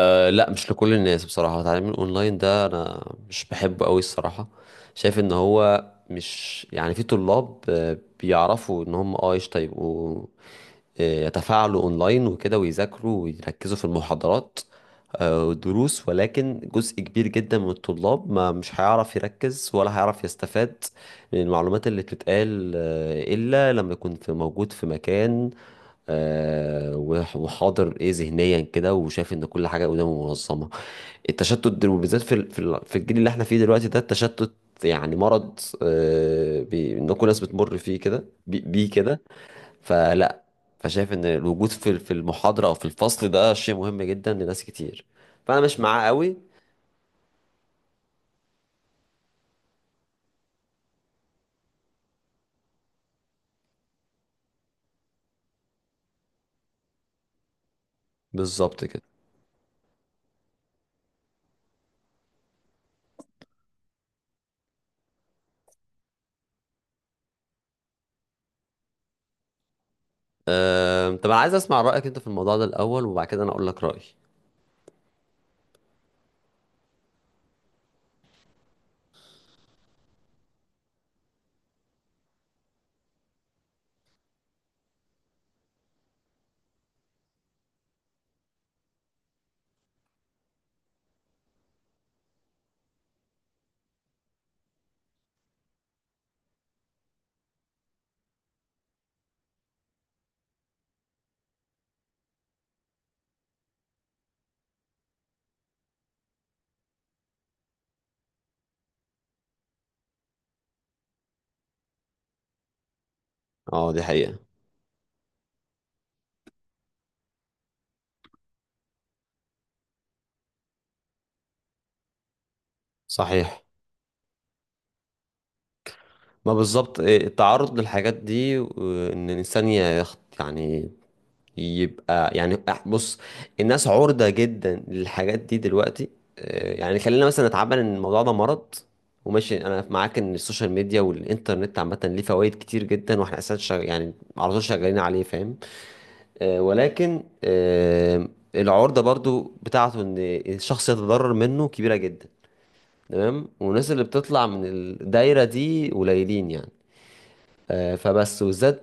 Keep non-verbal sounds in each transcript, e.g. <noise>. أه، لا، مش لكل الناس، بصراحة. تعليم الأونلاين ده أنا مش بحبه أوي الصراحة. شايف إن هو، مش، يعني في طلاب بيعرفوا إن هم قشطة، يبقوا يتفاعلوا أونلاين وكده ويذاكروا ويركزوا في المحاضرات والدروس. ولكن جزء كبير جدا من الطلاب ما مش هيعرف يركز ولا هيعرف يستفاد من المعلومات اللي بتتقال، إلا لما يكون في، موجود في مكان، وحاضر، ايه، ذهنيا كده، وشايف ان كل حاجه قدامه منظمه. التشتت ده، وبالذات في في الجيل اللي احنا فيه دلوقتي، ده التشتت يعني مرض. ان كل الناس بتمر فيه كده، بيه كده. فلا. فشايف ان الوجود في في المحاضره او في الفصل ده شيء مهم جدا لناس كتير. فانا مش معاه قوي. بالظبط كده. طب انا عايز اسمع رايك انت في الموضوع ده الاول وبعد كده انا اقول لك رايي. اه، دي حقيقه. صحيح. ما بالظبط التعرض للحاجات دي وان الانسان يخت، يعني يبقى، يعني بص، الناس عرضة جدا للحاجات دي دلوقتي. يعني خلينا مثلا نتعامل ان الموضوع ده مرض. وماشي انا معاك ان السوشيال ميديا والانترنت عامة ليه فوائد كتير جدا واحنا اساسا يعني على طول شغالين عليه، فاهم. ولكن العرضة برضو بتاعته ان الشخص يتضرر منه كبيرة جدا. تمام، والناس اللي بتطلع من الدايرة دي قليلين يعني. فبس والذات.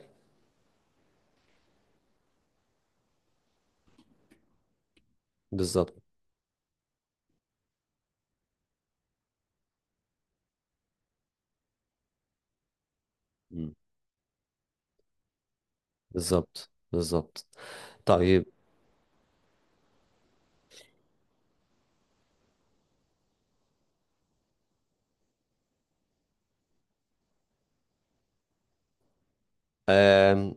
بالظبط. مم. بالظبط، بالظبط. طيب. آم،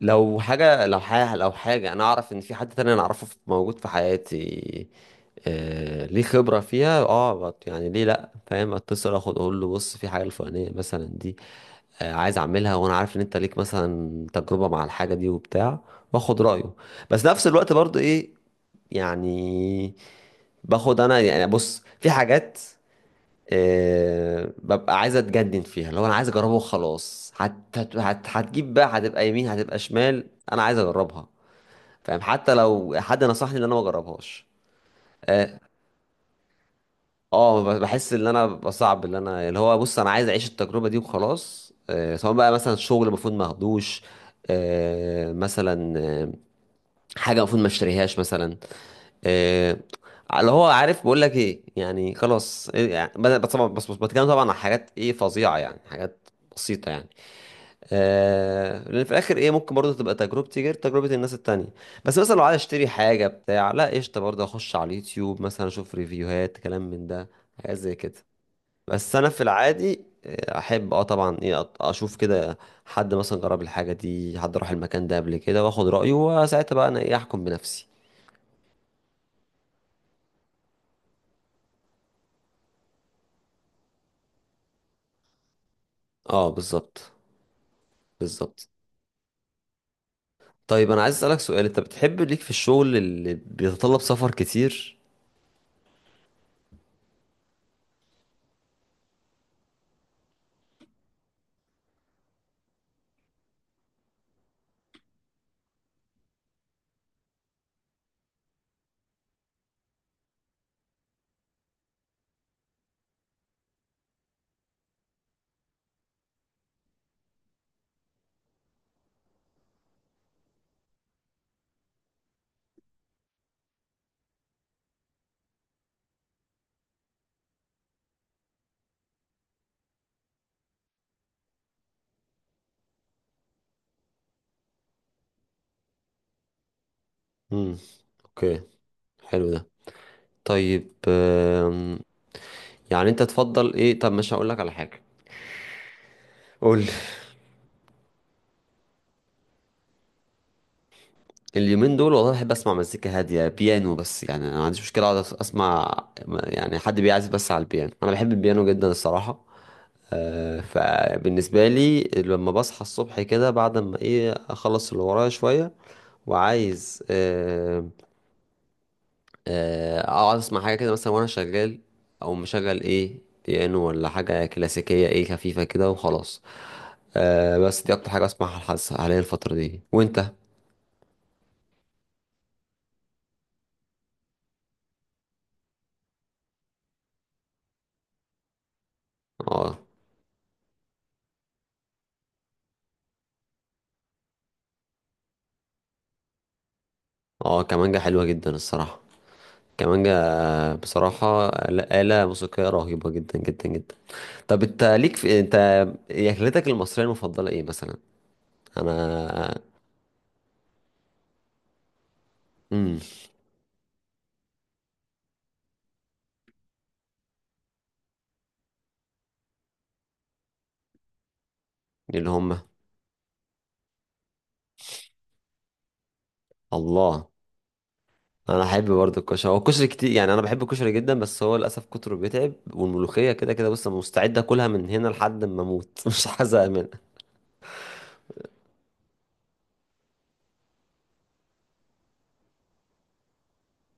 لو حاجة، أنا أعرف إن في حد تاني أنا أعرفه موجود في حياتي، ليه خبرة فيها، يعني ليه لأ، فاهم، أتصل أخد أقول له بص في حاجة الفلانية مثلا دي، عايز أعملها وأنا عارف إن أنت ليك مثلا تجربة مع الحاجة دي وبتاع، وآخد رأيه. بس نفس الوقت برضو إيه، يعني، باخد أنا، يعني، بص في حاجات ببقى عايز اتجنن فيها. لو انا عايز اجربه وخلاص، هتجيب بقى، هتبقى يمين، هتبقى شمال، انا عايز اجربها. فاهم، حتى لو حد نصحني ان انا ما اجربهاش. اه. بحس ان انا بصعب اللي انا اللي هو، بص انا عايز اعيش التجربه دي وخلاص. سواء بقى مثلا شغل المفروض ما اخدوش، مثلا، حاجه المفروض ما اشتريهاش مثلا. آه، اللي هو، عارف، بقول لك ايه، يعني خلاص، إيه، يعني بس، بس طبعا، بس بس بتكلم طبعا عن حاجات، ايه، فظيعه، يعني حاجات بسيطه يعني. لان في الاخر، ايه، ممكن برضه تبقى تجربتي غير تجربه الناس التانية. بس مثلا لو عايز اشتري حاجه، بتاع، لا قشطه، برضه اخش على اليوتيوب مثلا، اشوف ريفيوهات، كلام من ده، حاجات زي كده. بس انا في العادي احب، طبعا، اشوف كده حد مثلا جرب الحاجه دي، حد راح المكان ده قبل كده واخد رايه، وساعتها بقى انا، ايه، احكم بنفسي. اه، بالظبط، بالظبط. طيب انا عايز اسالك سؤال، انت بتحب ليك في الشغل اللي بيتطلب سفر كتير؟ امم. اوكي. حلو ده. طيب. يعني انت تفضل ايه؟ طب مش هقول لك على حاجه. قول لي. اليومين دول والله بحب اسمع مزيكا هاديه، بيانو، بس يعني انا ما عنديش مشكله اقعد اسمع، يعني، حد بيعزف بس على البيانو. انا بحب البيانو جدا الصراحه. فبالنسبه لي لما بصحى الصبح كده، بعد ما، ايه، اخلص اللي ورايا شويه، وعايز، اقعد اسمع حاجه كده مثلا وانا شغال، او مشغل، ايه، بيانو ولا حاجه كلاسيكيه، ايه، خفيفه كده وخلاص. أه، بس دي اكتر حاجه اسمعها الحس حاليا الفتره دي. وانت؟ اه، اه، كمانجا حلوه جدا الصراحه. كمانجا، بصراحه، آلة موسيقية رهيبة جدا جدا جدا. طب، انت، ليك في، انت، أكلتك المصرية المفضلة ايه مثلا؟ انا. امم. اللي هم. الله. انا احب برضه الكشري. هو الكشري كتير يعني، انا بحب الكشري جدا، بس هو للاسف كتره بيتعب. والملوخيه كده كده، بص أنا مستعد اكلها من هنا لحد ما اموت <laughs> مش هزهق منها.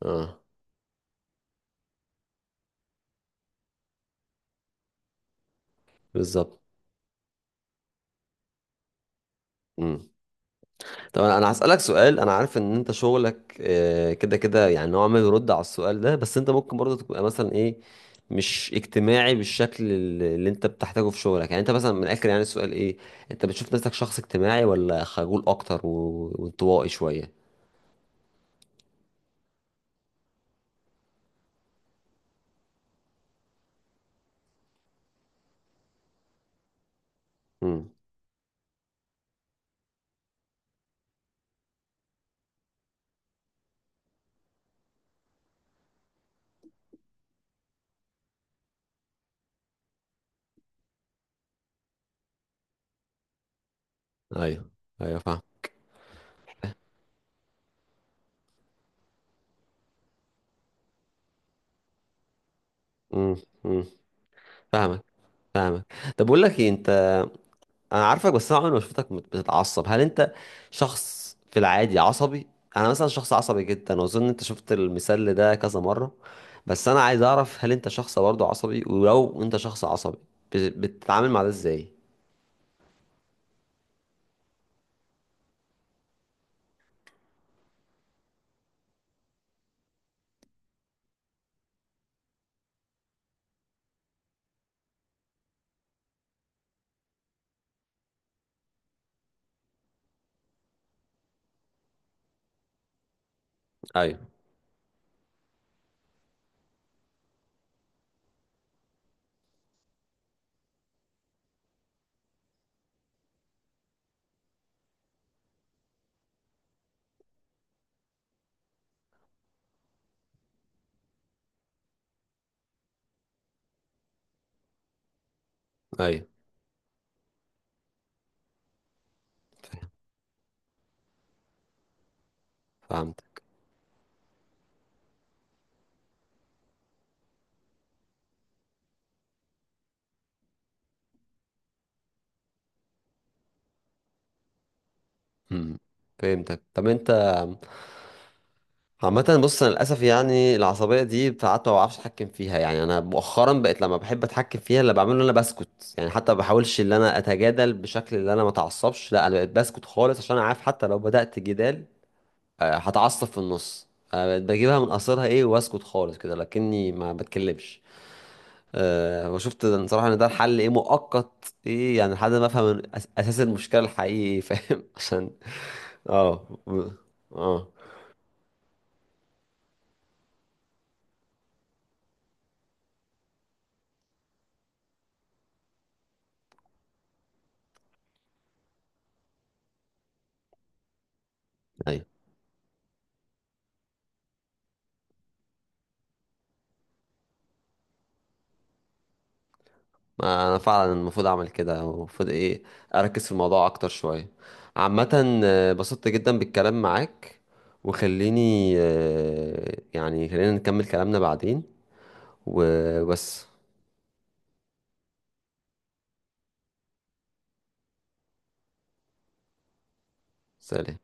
اه، بالظبط. امم. طب أنا هسالك سؤال. انا عارف ان انت شغلك، كده كده، يعني نوعا ما يرد على السؤال ده، بس انت ممكن برضه تبقى مثلا، ايه، مش اجتماعي بالشكل اللي انت بتحتاجه في شغلك. يعني انت مثلا، من الاخر يعني، السؤال ايه؟ انت بتشوف نفسك شخص اجتماعي ولا خجول اكتر وانطوائي شويه؟ امم. ايوه، ايوه، فاهم. مم. مم. فاهمك. فاهمك. طب بقول لك ايه، انت، انا عارفك بس انا عمري ما شفتك بتتعصب. هل انت شخص في العادي عصبي؟ انا مثلا شخص عصبي جدا، واظن انت شفت المثال ده كذا مره. بس انا عايز اعرف هل انت شخص برضه عصبي؟ ولو انت شخص عصبي، بتتعامل مع ده ازاي؟ ايوه، ايوه، فهمت. امم. فهمتك. طب انت، عامة، بص أنا للأسف يعني العصبية دي ساعات ما بعرفش أتحكم فيها. يعني أنا مؤخرا بقيت لما بحب أتحكم فيها اللي بعمله إن أنا بسكت، يعني حتى ما بحاولش إن أنا أتجادل بشكل اللي أنا ما أتعصبش. لا، أنا بقيت بسكت خالص عشان أنا عارف حتى لو بدأت جدال هتعصب في النص. أنا بقيت بجيبها من قصرها، إيه، وأسكت خالص كده لكني ما بتكلمش. أه، وشفت إن صراحة إن ده الحل، إيه، مؤقت، إيه، يعني لحد ما أفهم أساس المشكلة الحقيقي، فاهم <laughs> عشان. أه. أه. أيوة. ما انا فعلا المفروض اعمل كده، المفروض، ايه، اركز في الموضوع اكتر شويه. عامه بسطت جدا بالكلام معاك. وخليني، يعني خلينا نكمل كلامنا بعدين. وبس. سلام.